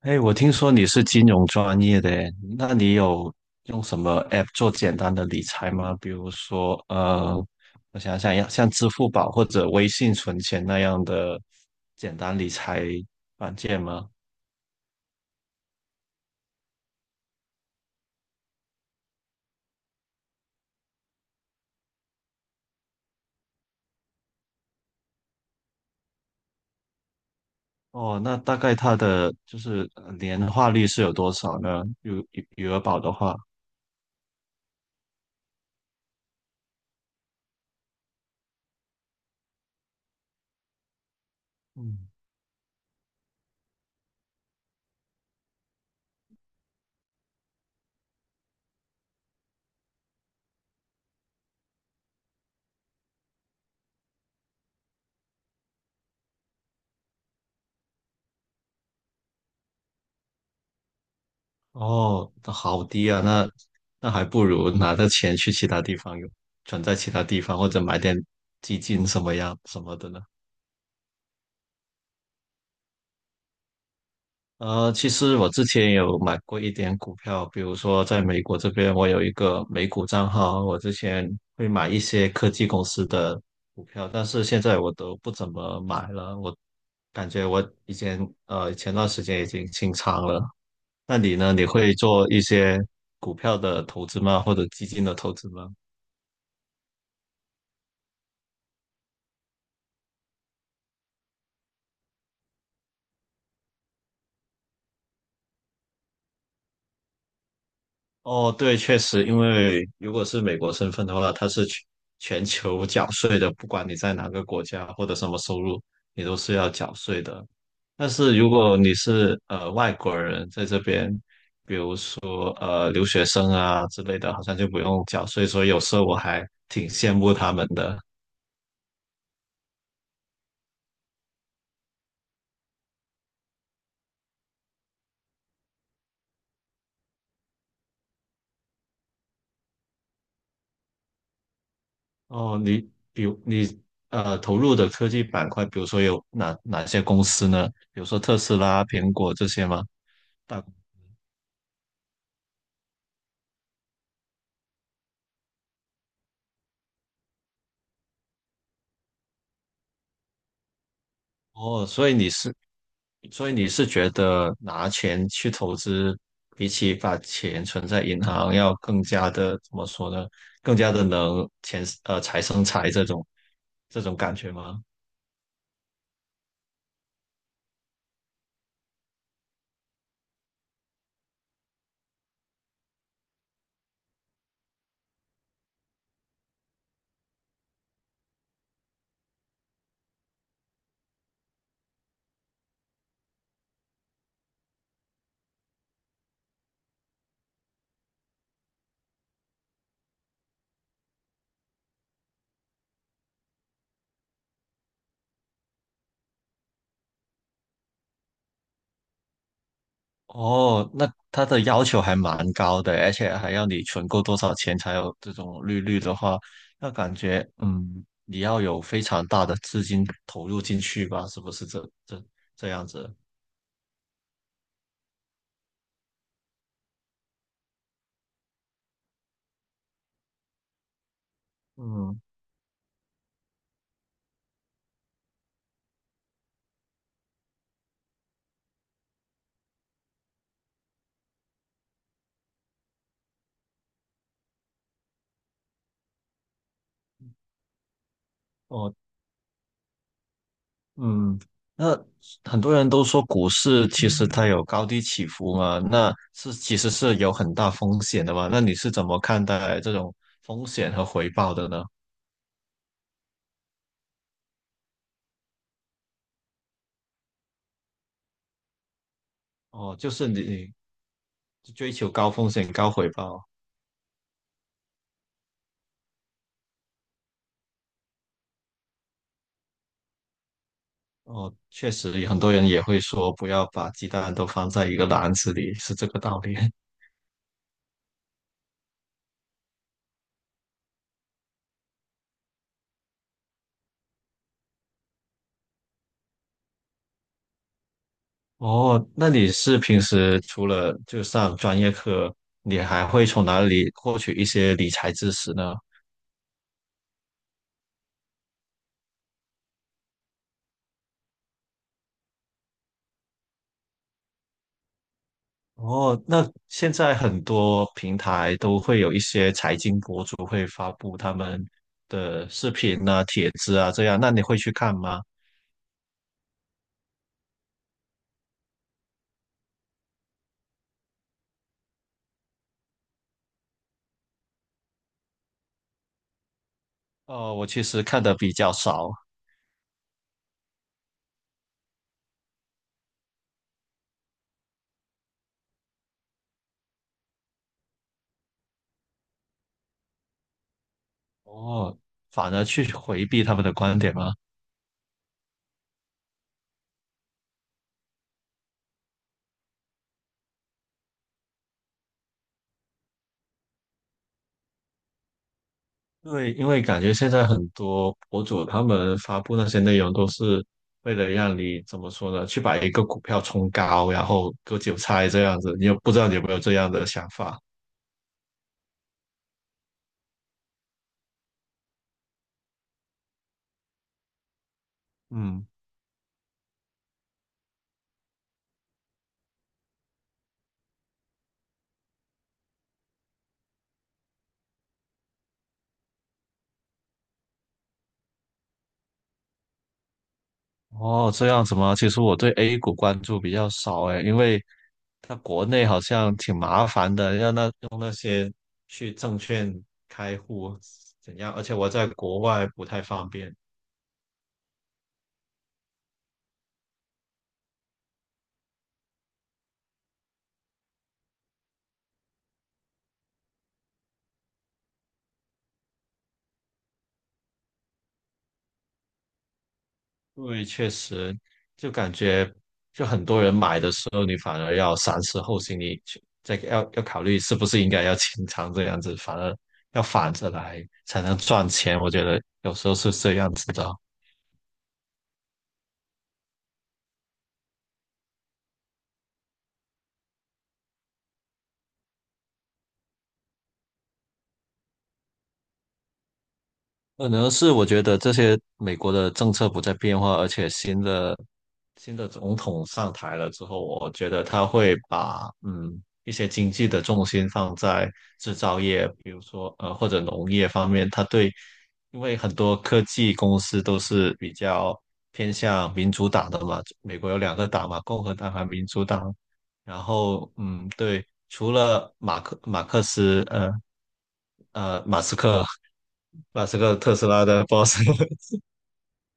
哎，我听说你是金融专业的诶，那你有用什么 app 做简单的理财吗？比如说，我想要像支付宝或者微信存钱那样的简单理财软件吗？哦，那大概它的就是年化率是有多少呢？余额宝的话，嗯，哦，那好低啊，那还不如拿着钱去其他地方用，存在其他地方或者买点基金什么的呢？呃，其实我之前有买过一点股票，比如说在美国这边，我有一个美股账号，我之前会买一些科技公司的股票，但是现在我都不怎么买了，我感觉我以前前段时间已经清仓了。那你呢？你会做一些股票的投资吗？或者基金的投资吗？哦，对，确实，因为如果是美国身份的话，它是全球缴税的，不管你在哪个国家或者什么收入，你都是要缴税的。但是如果你是外国人在这边，留学生啊之类的，好像就不用缴税，所以有时候我还挺羡慕他们的。哦，比如你投入的科技板块，比如说有哪些公司呢？比如说特斯拉、苹果这些吗？大哦，所以你是觉得拿钱去投资，比起把钱存在银行要更加的，怎么说呢？更加的财生财这种感觉吗？哦，那他的要求还蛮高的，而且还要你存够多少钱才有这种利率的话，那感觉嗯，你要有非常大的资金投入进去吧？是不是这样子？嗯。哦。嗯，那很多人都说股市其实它有高低起伏嘛，那是其实是有很大风险的嘛。那你是怎么看待这种风险和回报的呢？哦，就是你追求高风险高回报。哦，确实很多人也会说不要把鸡蛋都放在一个篮子里，是这个道理。哦，那你是平时除了就上专业课，你还会从哪里获取一些理财知识呢？哦，那现在很多平台都会有一些财经博主会发布他们的视频啊、帖子啊这样，那你会去看吗？哦，我其实看的比较少，哦，反而去回避他们的观点吗？对，因为感觉现在很多博主他们发布那些内容都是为了让你怎么说呢，去把一个股票冲高，然后割韭菜这样子，不知道你有没有这样的想法？嗯。哦，这样子吗？其实我对 A 股关注比较少诶，因为它国内好像挺麻烦的，用那些去证券开户怎样，而且我在国外不太方便。因为确实，就感觉就很多人买的时候，你反而要三思后行，你去再要考虑是不是应该要清仓这样子，反而要反着来才能赚钱。我觉得有时候是这样子的。可能是我觉得这些美国的政策不再变化，而且新的总统上台了之后，我觉得他会把一些经济的重心放在制造业，比如说或者农业方面，他对，因为很多科技公司都是比较偏向民主党的嘛，美国有两个党嘛，共和党和民主党，然后对，除了马斯克，马斯克特斯拉的 boss，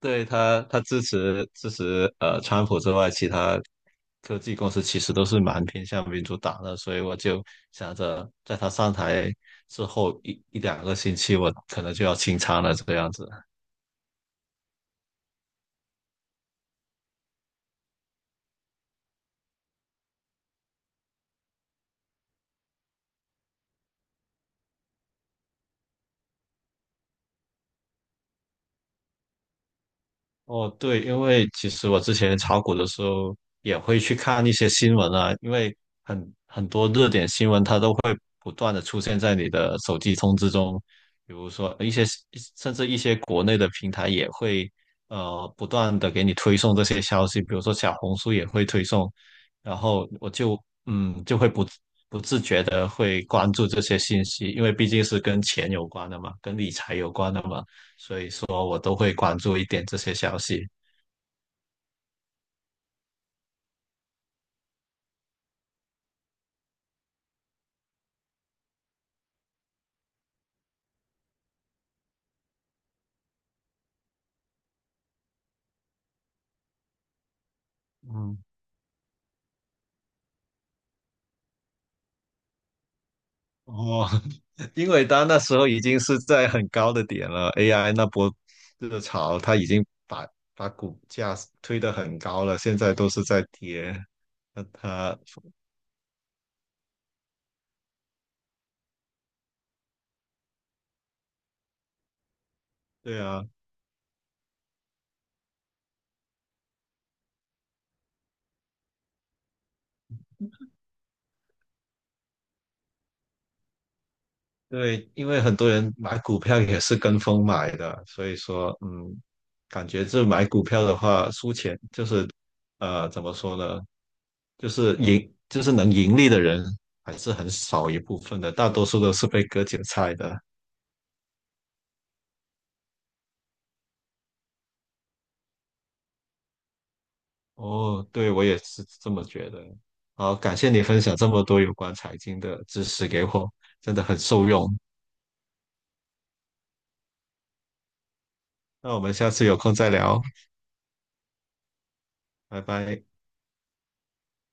对他，他支持川普之外，其他科技公司其实都是蛮偏向民主党的，所以我就想着在他上台之后一两个星期，我可能就要清仓了这个样子。哦，对，因为其实我之前炒股的时候也会去看一些新闻啊，因为很多热点新闻它都会不断的出现在你的手机通知中，比如说一些甚至一些国内的平台也会不断的给你推送这些消息，比如说小红书也会推送，然后我就会不自觉的会关注这些信息，因为毕竟是跟钱有关的嘛，跟理财有关的嘛，所以我都会关注一点这些消息。嗯，哦，因为它那时候已经是在很高的点了，AI 那波热潮，它已经把股价推得很高了，现在都是在跌。那它，对啊，对，因为很多人买股票也是跟风买的，所以说，嗯，感觉这买股票的话，输钱就是，呃，怎么说呢？就是盈，就是能盈利的人还是很少一部分的，大多数都是被割韭菜的。哦，对，我也是这么觉得。好，感谢你分享这么多有关财经的知识给我，真的很受用。那我们下次有空再聊，拜拜。